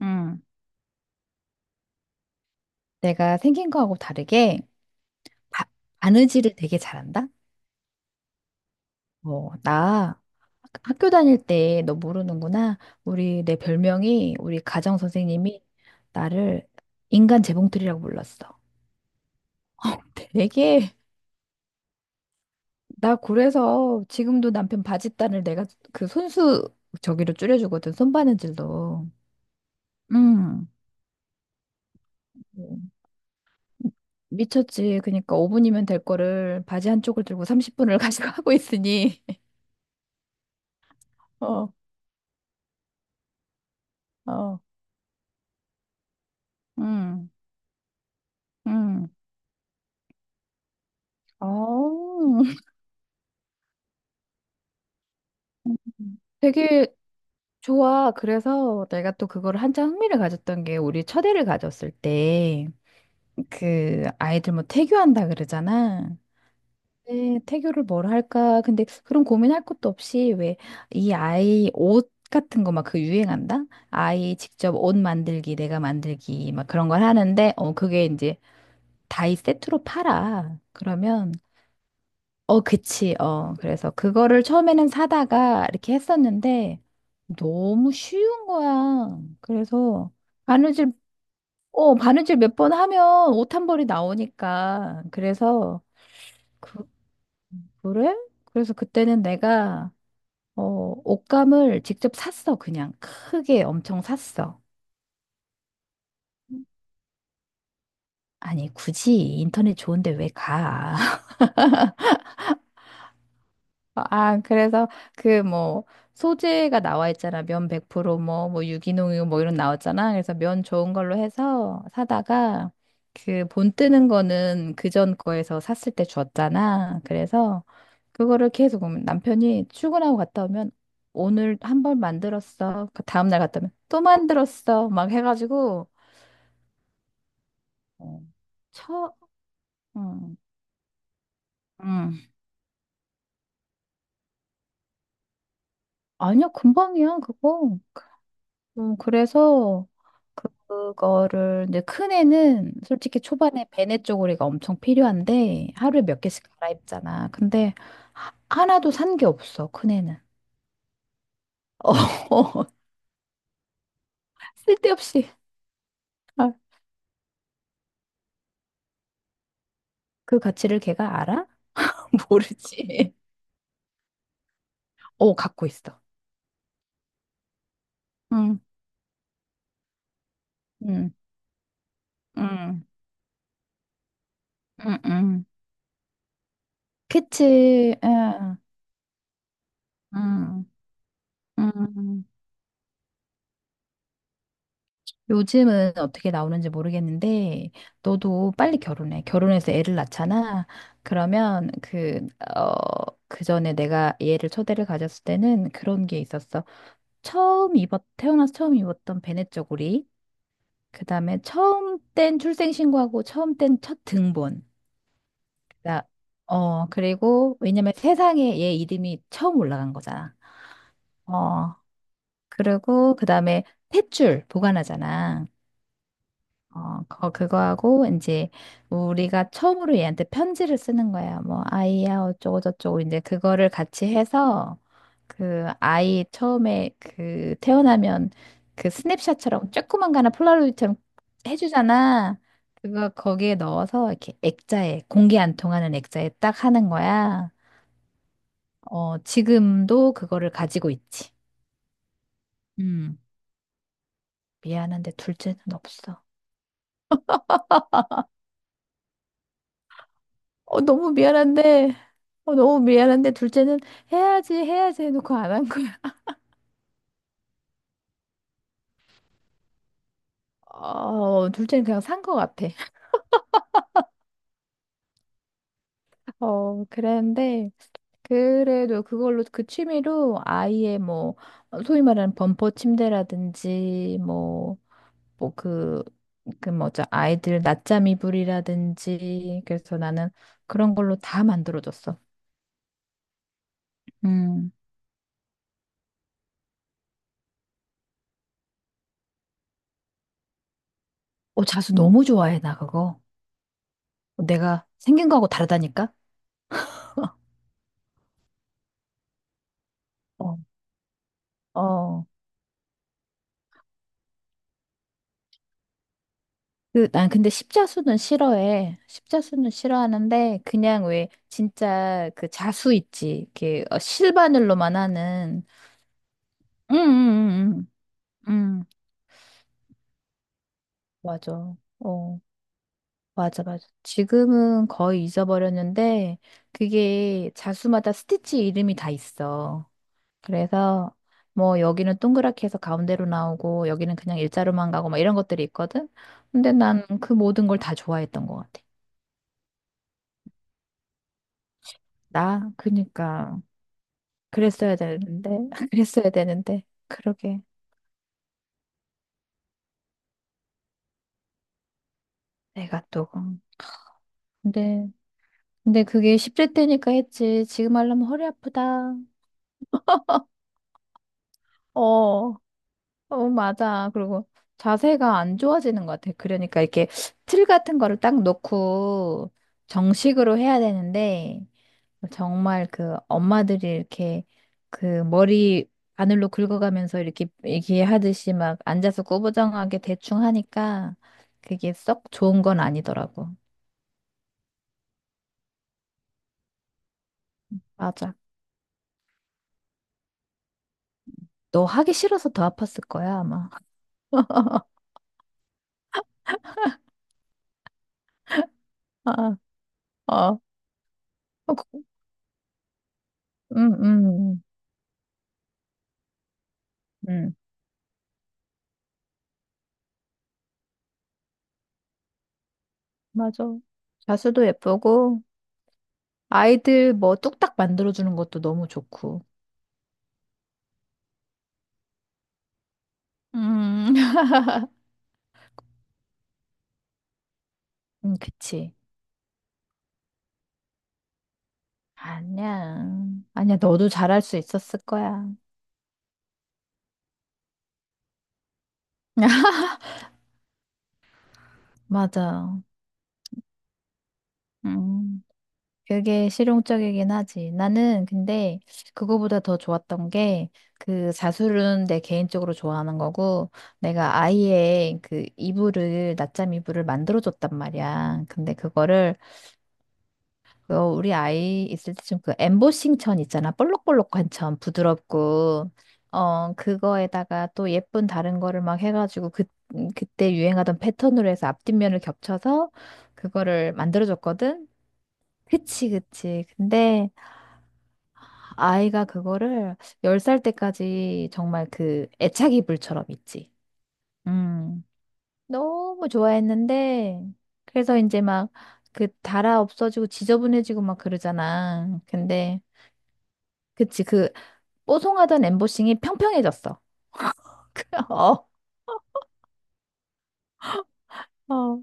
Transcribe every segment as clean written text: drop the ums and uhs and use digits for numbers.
응, 내가 생긴 거하고 다르게 바, 바느질을 되게 잘한다? 어, 나 학교 다닐 때 너 모르는구나. 우리 내 별명이 우리 가정 선생님이 나를 인간 재봉틀이라고 불렀어. 되게 나 그래서 지금도 남편 바짓단을 내가 그 손수 저기로 줄여주거든. 손바느질로. 응. 음. 미쳤지. 그러니까 5분이면 될 거를 바지 한쪽을 들고 30분을 가지고 하고 있으니. 어, 어. 음, 음. 어, 되게 좋아. 그래서 내가 또 그걸 한참 흥미를 가졌던 게 우리 첫애를 가졌을 때 그 아이들 뭐 태교한다 그러잖아. 네, 태교를 뭘 할까? 근데 그런 고민할 것도 없이 왜 이 아이 옷 같은 거 막 그 유행한다? 아이 직접 옷 만들기, 내가 만들기 막 그런 걸 하는데 어 그게 이제 다이 세트로 팔아. 그러면 어, 그치. 어, 그래서 그거를 처음에는 사다가 이렇게 했었는데 너무 쉬운 거야. 그래서 바느질, 어, 바느질 몇 번 하면 옷 한 벌이 나오니까. 그래서 그, 그래? 그래서 그때는 내가 어, 옷감을 직접 샀어. 그냥 크게 엄청 샀어. 아니, 굳이 인터넷 좋은데 왜 가? 어, 아, 그래서 그 뭐 소재가 나와 있잖아. 면 100% 뭐, 뭐 유기농이고 뭐 이런 나왔잖아. 그래서 면 좋은 걸로 해서 사다가 그 본 뜨는 거는 그전 거에서 샀을 때 줬잖아. 그래서 그거를 계속 보면 남편이 출근하고 갔다 오면 오늘 한 번 만들었어. 그 다음 날 갔다 오면 또 만들었어. 막 해가지고 어, 처, 음, 음. 아니야, 금방이야, 그거. 그래서 그거를 이제 큰 애는 솔직히 초반에 배내 쪼그리가 엄청 필요한데 하루에 몇 개씩 갈아입잖아. 근데 하나도 산 게 없어, 큰 애는. 어, 쓸데없이. 아, 그 가치를 걔가 알아? 모르지. 어, 갖고 있어. 응, 응, 응, 응, 응. 그치. 응, 응, 응. 요즘은 어떻게 나오는지 모르겠는데, 너도 빨리 결혼해. 결혼해서 애를 낳잖아. 그러면 그, 어, 그 전에 내가 얘를 초대를 가졌을 때는 그런 게 있었어. 처음 입었, 태어나서 처음 입었던 베넷 저고리. 그 다음에 처음 뗀 출생신고하고 처음 뗀 첫 등본. 나- 어, 그리고 왜냐면 세상에 얘 이름이 처음 올라간 거잖아. 어, 그리고 그 다음에 탯줄 보관하잖아. 어, 거- 그거하고, 이제, 우리가 처음으로 얘한테 편지를 쓰는 거야. 뭐, 아이야, 어쩌고저쩌고, 이제 그거를 같이 해서, 그, 아이 처음에 그, 태어나면 그 스냅샷처럼, 조그만 거 하나 폴라로이드처럼 해주잖아. 그거 거기에 넣어서, 이렇게 액자에, 공기 안 통하는 액자에 딱 하는 거야. 어, 지금도 그거를 가지고 있지. 음, 미안한데 둘째는 없어. 어, 너무 미안한데, 어, 너무 미안한데, 둘째는 해야지, 해야지 해놓고 안 한 거야. 어, 둘째는 그냥 산 거 같아. 어, 그랬는데, 그래도 그걸로, 그 취미로 아이의 뭐, 어, 소위 말하는 범퍼 침대라든지, 뭐, 뭐 그, 그 뭐죠, 아이들 낮잠 이불이라든지, 그래서 나는 그런 걸로 다 만들어줬어. 음. 어, 자수 너무 좋아해, 나 그거. 내가 생긴 거하고 다르다니까? 어. 어. 그, 난 근데 십자수는 싫어해. 십자수는 싫어하는데, 그냥 왜, 진짜 그 자수 있지. 이렇게 어, 실바늘로만 하는. 응, 응, 응, 응. 응, 맞아. 어, 맞아, 맞아. 지금은 거의 잊어버렸는데, 그게 자수마다 스티치 이름이 다 있어. 그래서, 뭐, 여기는 동그랗게 해서 가운데로 나오고, 여기는 그냥 일자로만 가고, 막 이런 것들이 있거든? 근데 난 그 모든 걸 다 좋아했던 것 같아. 나, 그니까. 그랬어야 되는데, 그랬어야 되는데, 그러게. 내가 또. 음. 근데, 근데 그게 10대 때니까 했지. 지금 하려면 허리 아프다. 어, 어, 맞아. 그리고 자세가 안 좋아지는 것 같아. 그러니까 이렇게 틀 같은 거를 딱 놓고 정식으로 해야 되는데, 정말 그 엄마들이 이렇게 그 머리 바늘로 긁어가면서 이렇게 얘기하듯이 막 앉아서 꾸부정하게 대충 하니까 그게 썩 좋은 건 아니더라고. 맞아. 너 하기 싫어서 더 아팠을 거야, 아마. 아, 어, 어, 그- 음, 음, 음, 음. 맞아. 자수도 예쁘고, 아이들 뭐 뚝딱 만들어주는 것도 너무 좋고. 음, 그치. 아니야. 아니야, 너도 잘할 수 있었을 거야. 맞아. 음. 그게 실용적이긴 하지. 나는 근데 그거보다 더 좋았던 게 그 자수는 내 개인적으로 좋아하는 거고 내가 아이의 그 이불을 낮잠 이불을 만들어줬단 말이야. 근데 그거를 그거 우리 아이 있을 때 좀 그 엠보싱 천 있잖아. 볼록볼록한 천 부드럽고 어 그거에다가 또 예쁜 다른 거를 막 해가지고 그 그때 유행하던 패턴으로 해서 앞뒷면을 겹쳐서 그거를 만들어줬거든. 그치, 그치. 근데 아이가 그거를 10살 때까지 정말 그 애착이 불처럼 있지. 음, 너무 좋아했는데, 그래서 이제 막 그 달아 없어지고 지저분해지고 막 그러잖아. 근데, 그치, 그 뽀송하던 엠보싱이 평평해졌어. 어, 어,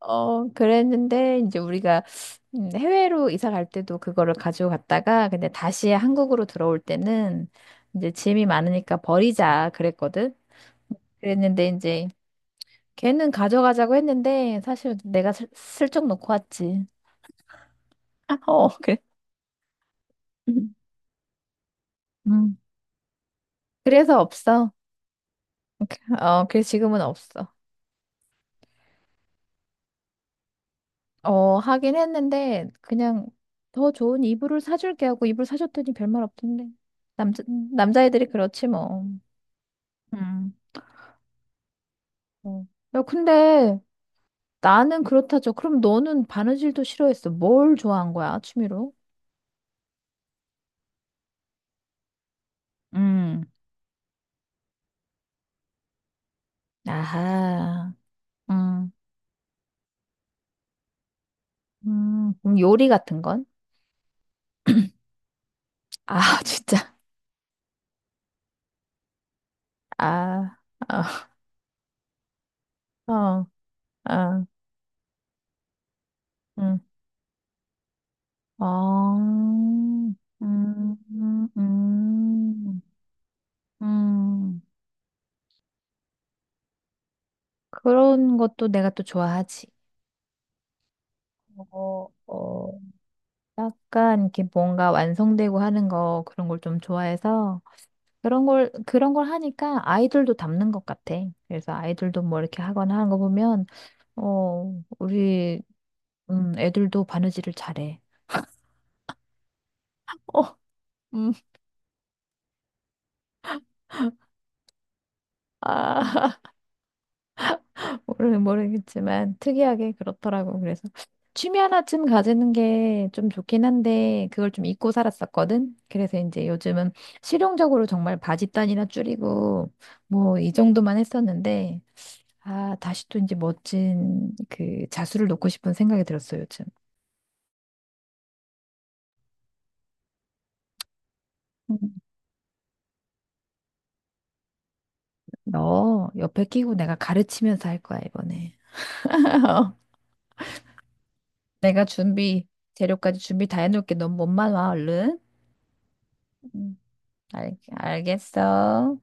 어, 그랬는데, 이제 우리가 해외로 이사 갈 때도 그거를 가지고 갔다가, 근데 다시 한국으로 들어올 때는 이제 짐이 많으니까 버리자 그랬거든. 그랬는데, 이제 걔는 가져가자고 했는데 사실 내가 슬쩍 놓고 왔지. 아, 어, 그래. 음. 음. 그래서 없어. 어, 그래서 지금은 없어. 어, 하긴 했는데 그냥 더 좋은 이불을 사줄게 하고 이불 사줬더니 별말 없던데. 남자애들이 그렇지 뭐. 음. 어. 야, 근데 나는 그렇다죠. 그럼 너는 바느질도 싫어했어. 뭘 좋아한 거야, 취미로? 음. 아하. 음. 그럼 요리 같은 건? 아, 진짜. 아, 어, 어, 어, 음, 어, 음, 음, 음. 그런 것도 내가 또 좋아하지. 어, 어, 약간 이렇게 뭔가 완성되고 하는 거 그런 걸 좀 좋아해서 그런 걸 하니까 아이들도 닮는 것 같아. 그래서 아이들도 뭐 이렇게 하거나 하는 거 보면 어, 우리 애들도 바느질을 잘해. 어, 음, 아. 모르겠지만 특이하게 그렇더라고. 그래서 취미 하나쯤 가지는 게 좀 좋긴 한데 그걸 좀 잊고 살았었거든. 그래서 이제 요즘은 실용적으로 정말 바지단이나 줄이고 뭐 이 정도만 했었는데 아, 다시 또 이제 멋진 그 자수를 놓고 싶은 생각이 들었어, 요즘. 음. 너 옆에 끼고 내가 가르치면서 할 거야, 이번에. 내가 준비, 재료까지 준비 다 해놓을게. 넌 몸만 와, 얼른. 음, 알겠어.